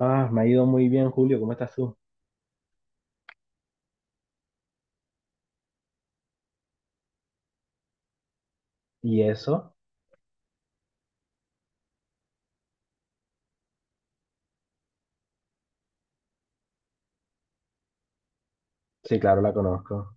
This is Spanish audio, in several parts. Ah, me ha ido muy bien, Julio. ¿Cómo estás tú? ¿Y eso? Sí, claro, la conozco.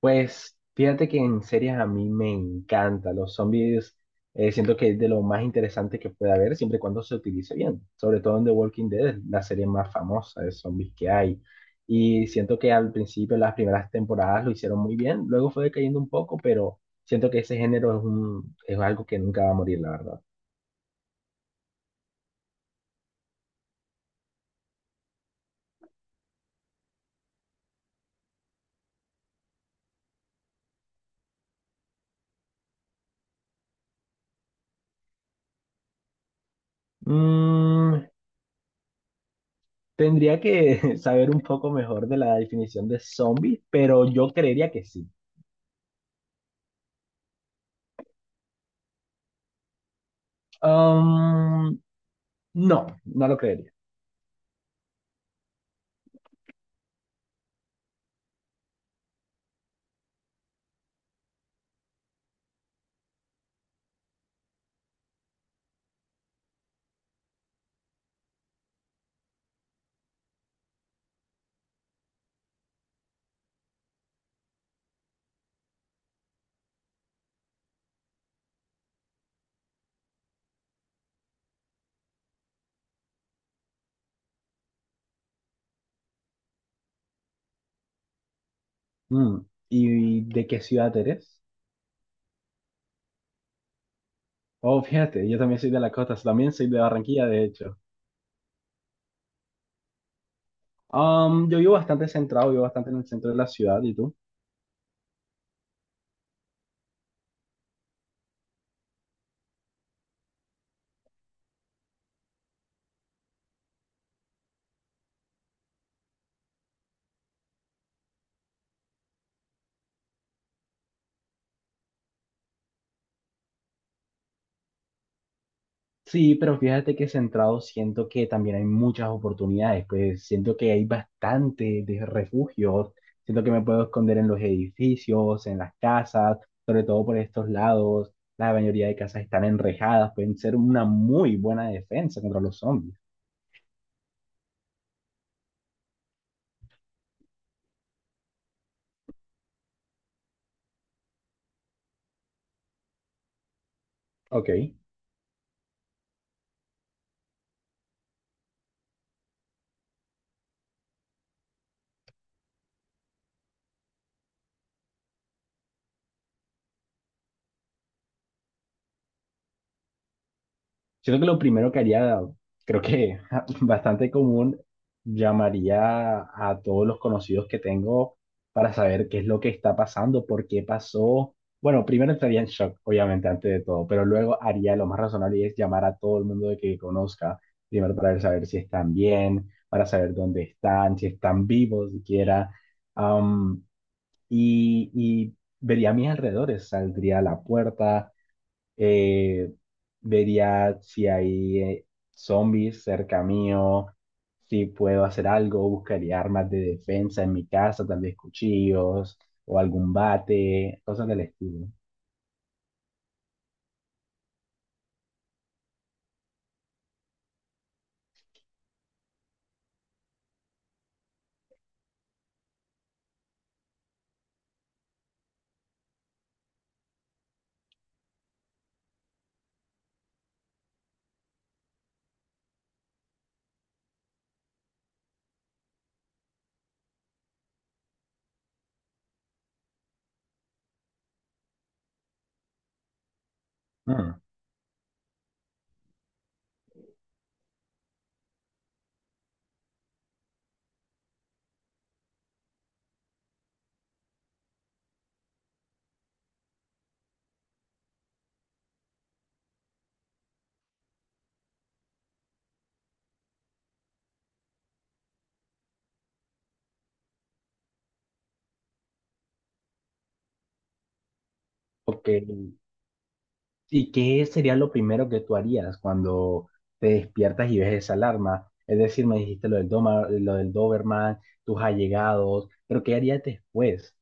Pues fíjate que en series a mí me encanta. Los zombies siento que es de lo más interesante que puede haber, siempre y cuando se utilice bien. Sobre todo en The Walking Dead, es la serie más famosa de zombies que hay. Y siento que al principio, las primeras temporadas lo hicieron muy bien. Luego fue decayendo un poco, pero siento que ese género es algo que nunca va a morir, la verdad. Mm. Tendría que saber un poco mejor de la definición de zombie, pero yo creería que sí. Um, no, no lo creería. Mm. ¿Y de qué ciudad eres? Oh, fíjate, yo también soy de la costa, también soy de Barranquilla, de hecho. Yo vivo bastante centrado, vivo bastante en el centro de la ciudad, ¿y tú? Sí, pero fíjate que centrado siento que también hay muchas oportunidades, pues siento que hay bastante de refugios, siento que me puedo esconder en los edificios, en las casas, sobre todo por estos lados, la mayoría de casas están enrejadas, pueden ser una muy buena defensa contra los zombies. Ok. Siento que lo primero que haría, creo que bastante común, llamaría a todos los conocidos que tengo para saber qué es lo que está pasando, por qué pasó. Bueno, primero estaría en shock, obviamente, antes de todo, pero luego haría lo más razonable y es llamar a todo el mundo de que conozca, primero para saber si están bien, para saber dónde están, si están vivos siquiera. Am, y vería a mis alrededores, saldría a la puerta eh, vería si hay zombies cerca mío, si puedo hacer algo, buscaría armas de defensa en mi casa, tal vez cuchillos o algún bate, cosas del estilo. Mm, ok. ¿Y qué sería lo primero que tú harías cuando te despiertas y ves esa alarma? Es decir, me dijiste lo del lo del Doberman, tus allegados, pero ¿qué harías después?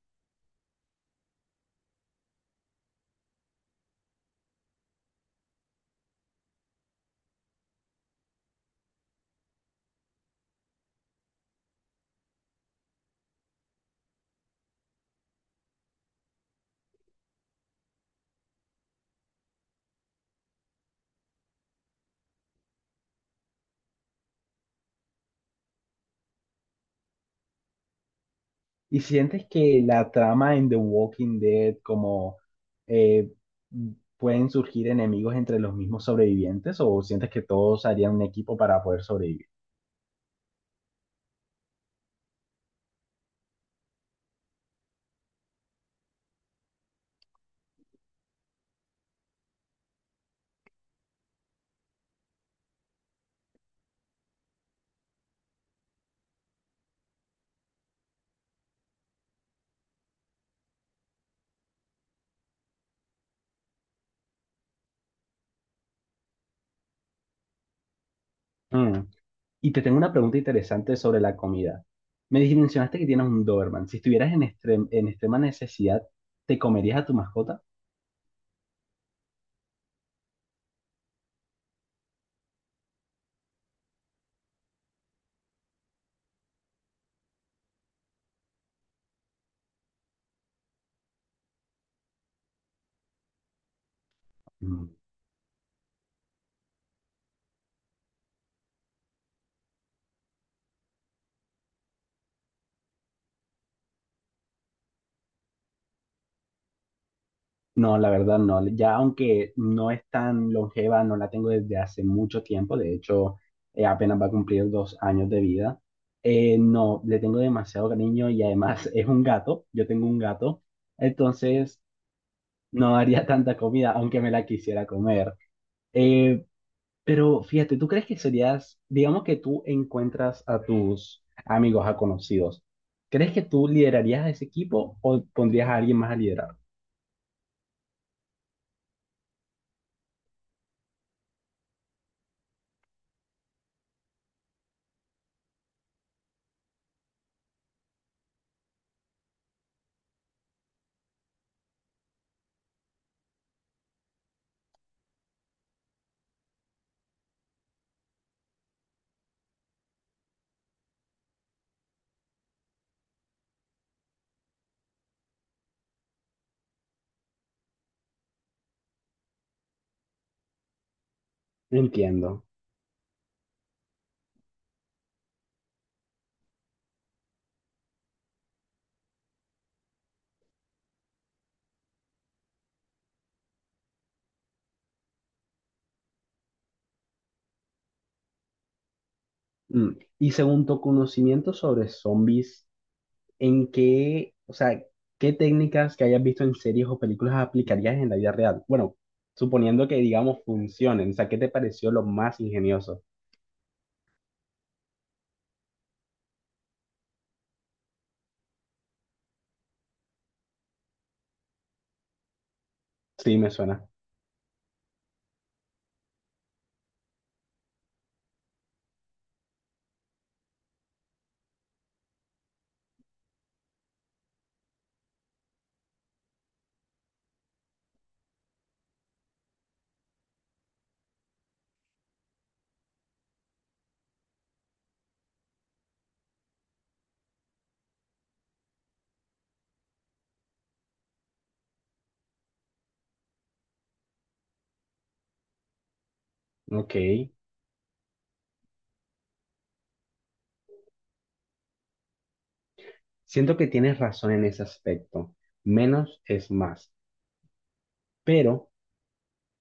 ¿Y sientes que la trama en The Walking Dead, como eh, pueden surgir enemigos entre los mismos sobrevivientes, o sientes que todos harían un equipo para poder sobrevivir? Mm. Y te tengo una pregunta interesante sobre la comida. Mencionaste que tienes un Doberman. Si estuvieras en extrema necesidad, ¿te comerías a tu mascota? No, la verdad no. Ya aunque no es tan longeva, no la tengo desde hace mucho tiempo. De hecho, apenas va a cumplir 2 años de vida. No, le tengo demasiado cariño y además es un gato. Yo tengo un gato. Entonces, no haría tanta comida, aunque me la quisiera comer. Eh, pero fíjate, ¿tú crees que serías, digamos que tú encuentras a tus amigos, a conocidos? ¿Crees que tú liderarías ese equipo o pondrías a alguien más a liderar? No entiendo. Mm. Y según tu conocimiento sobre zombies, o sea, ¿qué técnicas que hayas visto en series o películas aplicarías en la vida real? Bueno, suponiendo que, digamos, funcionen, o sea, ¿qué te pareció lo más ingenioso? Sí, me suena. Ok. Siento que tienes razón en ese aspecto. Menos es más. Pero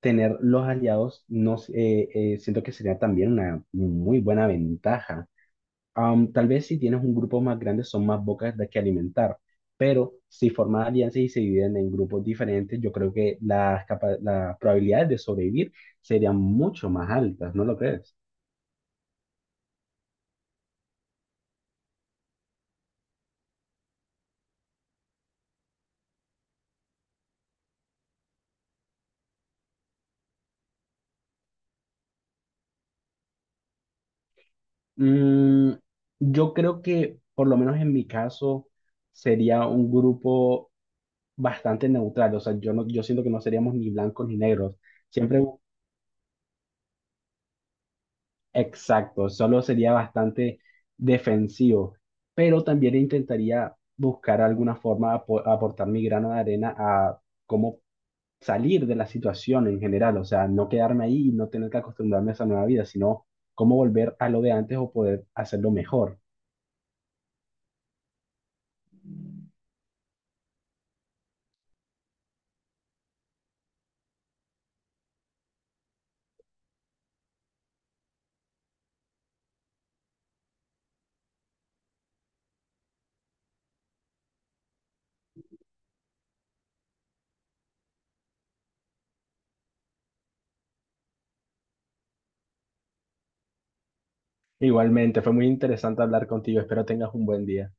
tener los aliados, no, s- siento que sería también una muy buena ventaja. Tal vez si tienes un grupo más grande son más bocas de que alimentar, pero si forman alianzas y se dividen en grupos diferentes, yo creo que las probabilidades de sobrevivir serían mucho más altas, ¿no lo crees? Mm, yo creo que, por lo menos en mi caso, sería un grupo bastante neutral. O sea, yo siento que no seríamos ni blancos ni negros. Siempre. Exacto, solo sería bastante defensivo, pero también intentaría buscar alguna forma de aportar mi grano de arena a cómo salir de la situación en general, o sea, no quedarme ahí y no tener que acostumbrarme a esa nueva vida, sino cómo volver a lo de antes o poder hacerlo mejor. Igualmente, fue muy interesante hablar contigo, espero tengas un buen día.